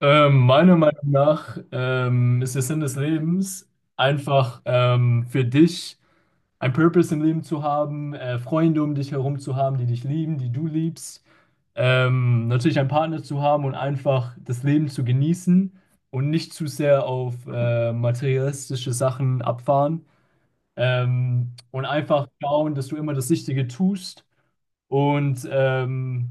Meiner Meinung nach ist der Sinn des Lebens einfach für dich ein Purpose im Leben zu haben, Freunde um dich herum zu haben, die dich lieben, die du liebst, natürlich einen Partner zu haben und einfach das Leben zu genießen und nicht zu sehr auf materialistische Sachen abfahren, und einfach schauen, dass du immer das Richtige tust und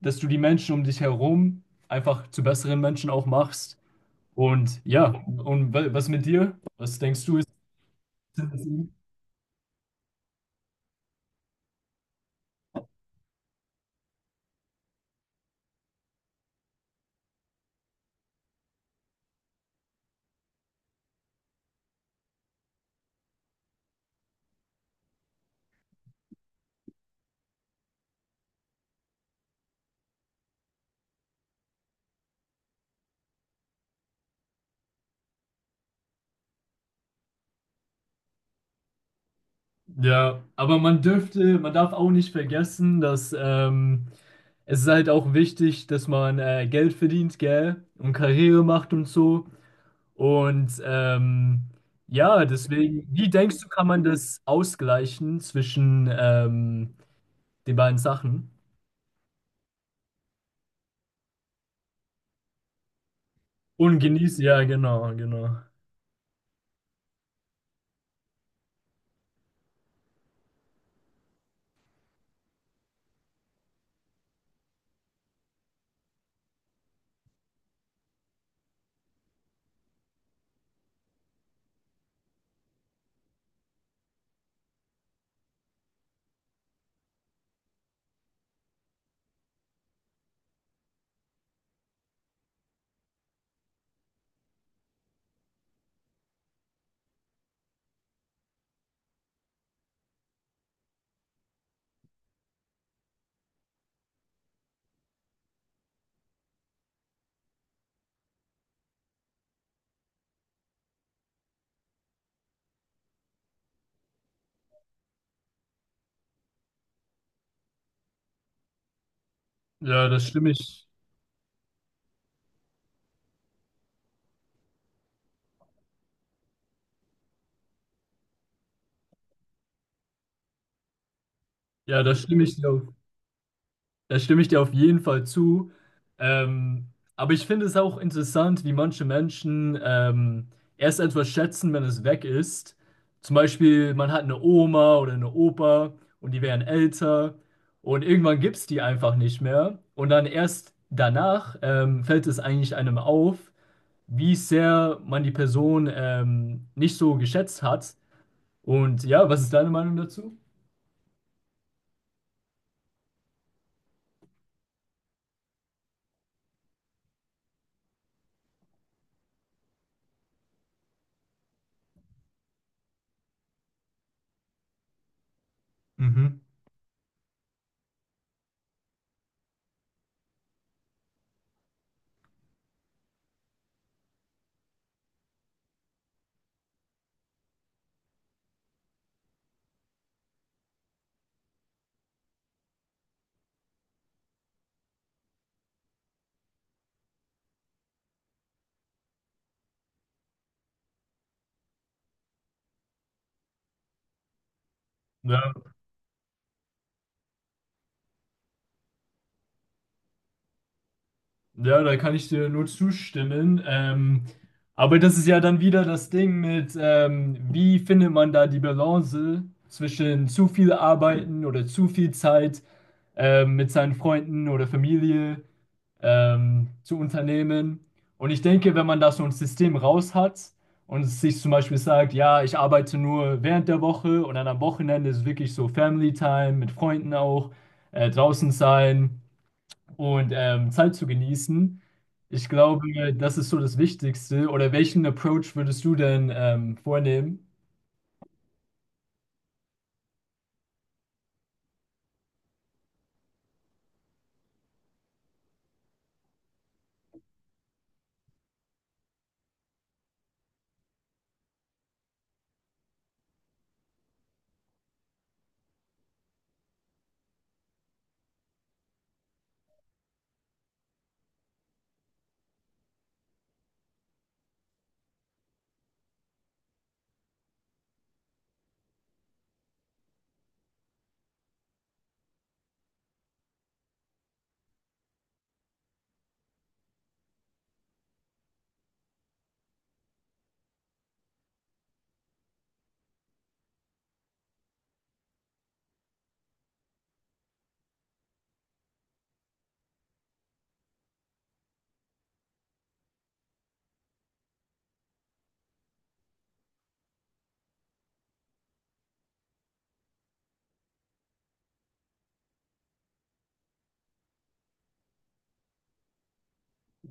dass du die Menschen um dich herum einfach zu besseren Menschen auch machst und ja, und was mit dir? Was denkst du ist. Ja, aber man darf auch nicht vergessen, dass es ist halt auch wichtig, dass man Geld verdient, gell? Und Karriere macht und so. Und ja, deswegen, wie denkst du, kann man das ausgleichen zwischen den beiden Sachen? Und genießen, ja, genau, genau. Ja, das stimme ich, ja, das stimme ich dir auf. Da stimme ich dir auf jeden Fall zu. Ähm, aber ich finde es auch interessant, wie manche Menschen erst etwas schätzen, wenn es weg ist. Zum Beispiel, man hat eine Oma oder eine Opa und die werden älter und irgendwann gibt es die einfach nicht mehr. Und dann erst danach fällt es eigentlich einem auf, wie sehr man die Person nicht so geschätzt hat. Und ja, was ist deine Meinung dazu? Mhm. Ja. Ja, da kann ich dir nur zustimmen. Aber das ist ja dann wieder das Ding mit, wie findet man da die Balance zwischen zu viel Arbeiten oder zu viel Zeit mit seinen Freunden oder Familie zu unternehmen. Und ich denke, wenn man da so ein System raus hat und sich zum Beispiel sagt, ja, ich arbeite nur während der Woche und dann am Wochenende ist wirklich so Family Time mit Freunden auch, draußen sein und Zeit zu genießen. Ich glaube, das ist so das Wichtigste. Oder welchen Approach würdest du denn vornehmen?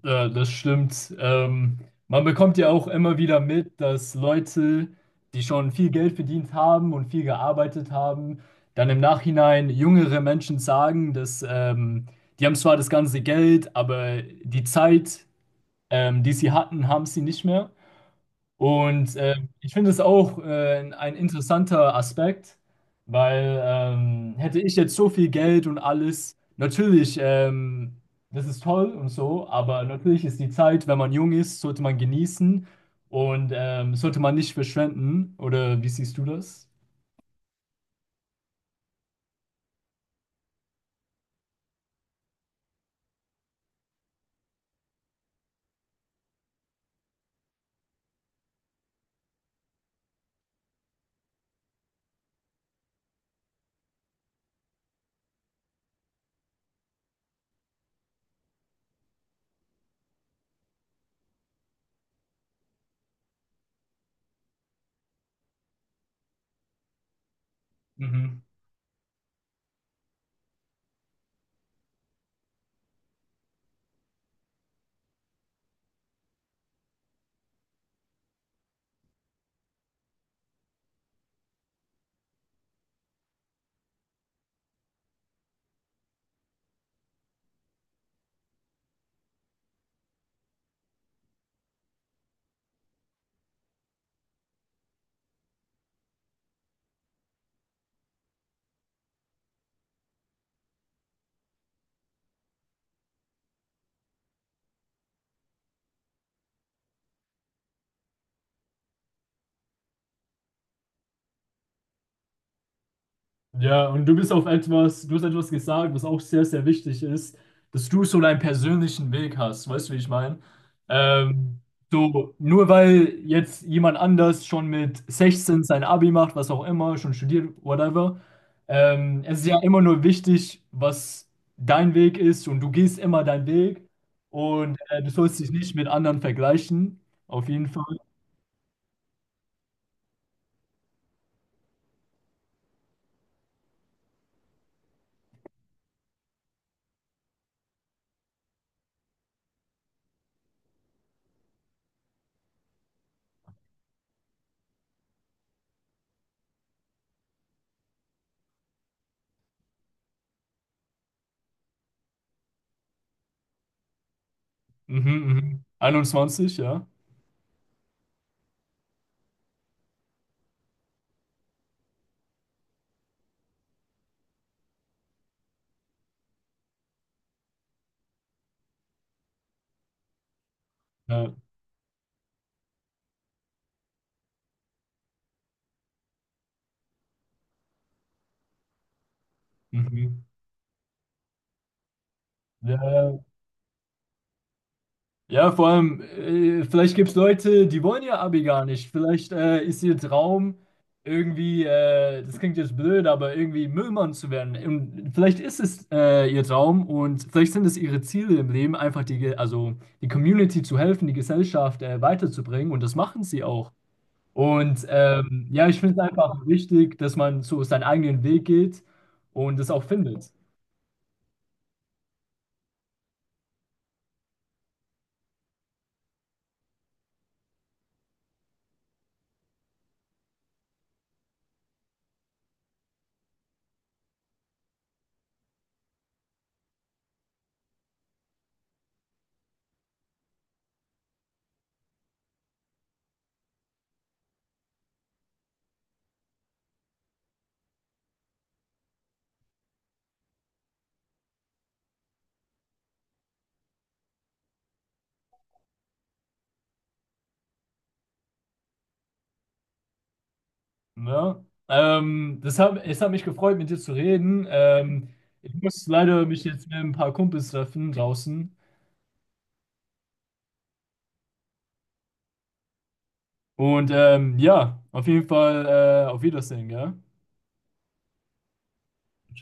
Das stimmt. Man bekommt ja auch immer wieder mit, dass Leute, die schon viel Geld verdient haben und viel gearbeitet haben, dann im Nachhinein jüngere Menschen sagen, dass die haben zwar das ganze Geld, aber die Zeit, die sie hatten, haben sie nicht mehr. Und ich finde es auch ein interessanter Aspekt, weil hätte ich jetzt so viel Geld und alles, natürlich, das ist toll und so, aber natürlich ist die Zeit, wenn man jung ist, sollte man genießen und sollte man nicht verschwenden. Oder wie siehst du das? Mhm. Ja, und du bist auf etwas, du hast etwas gesagt, was auch sehr, sehr wichtig ist, dass du so deinen persönlichen Weg hast. Weißt du, wie ich meine? Ähm, so, nur weil jetzt jemand anders schon mit 16 sein Abi macht, was auch immer, schon studiert, whatever, es ist ja immer nur wichtig, was dein Weg ist und du gehst immer deinen Weg und du sollst dich nicht mit anderen vergleichen. Auf jeden Fall. Mhm, mhm. 21, ja. Ja, mhm. Ja, ja. Ja, vor allem, vielleicht gibt es Leute, die wollen ihr Abi gar nicht. Vielleicht ist ihr Traum irgendwie, das klingt jetzt blöd, aber irgendwie Müllmann zu werden. Und vielleicht ist es ihr Traum und vielleicht sind es ihre Ziele im Leben, einfach also die Community zu helfen, die Gesellschaft weiterzubringen. Und das machen sie auch. Und ja, ich finde es einfach wichtig, dass man so seinen eigenen Weg geht und es auch findet. Ne? Es hat mich gefreut, mit dir zu reden. Ich muss leider mich jetzt mit ein paar Kumpels treffen draußen. Und ja, auf jeden Fall auf Wiedersehen, gell? Ciao.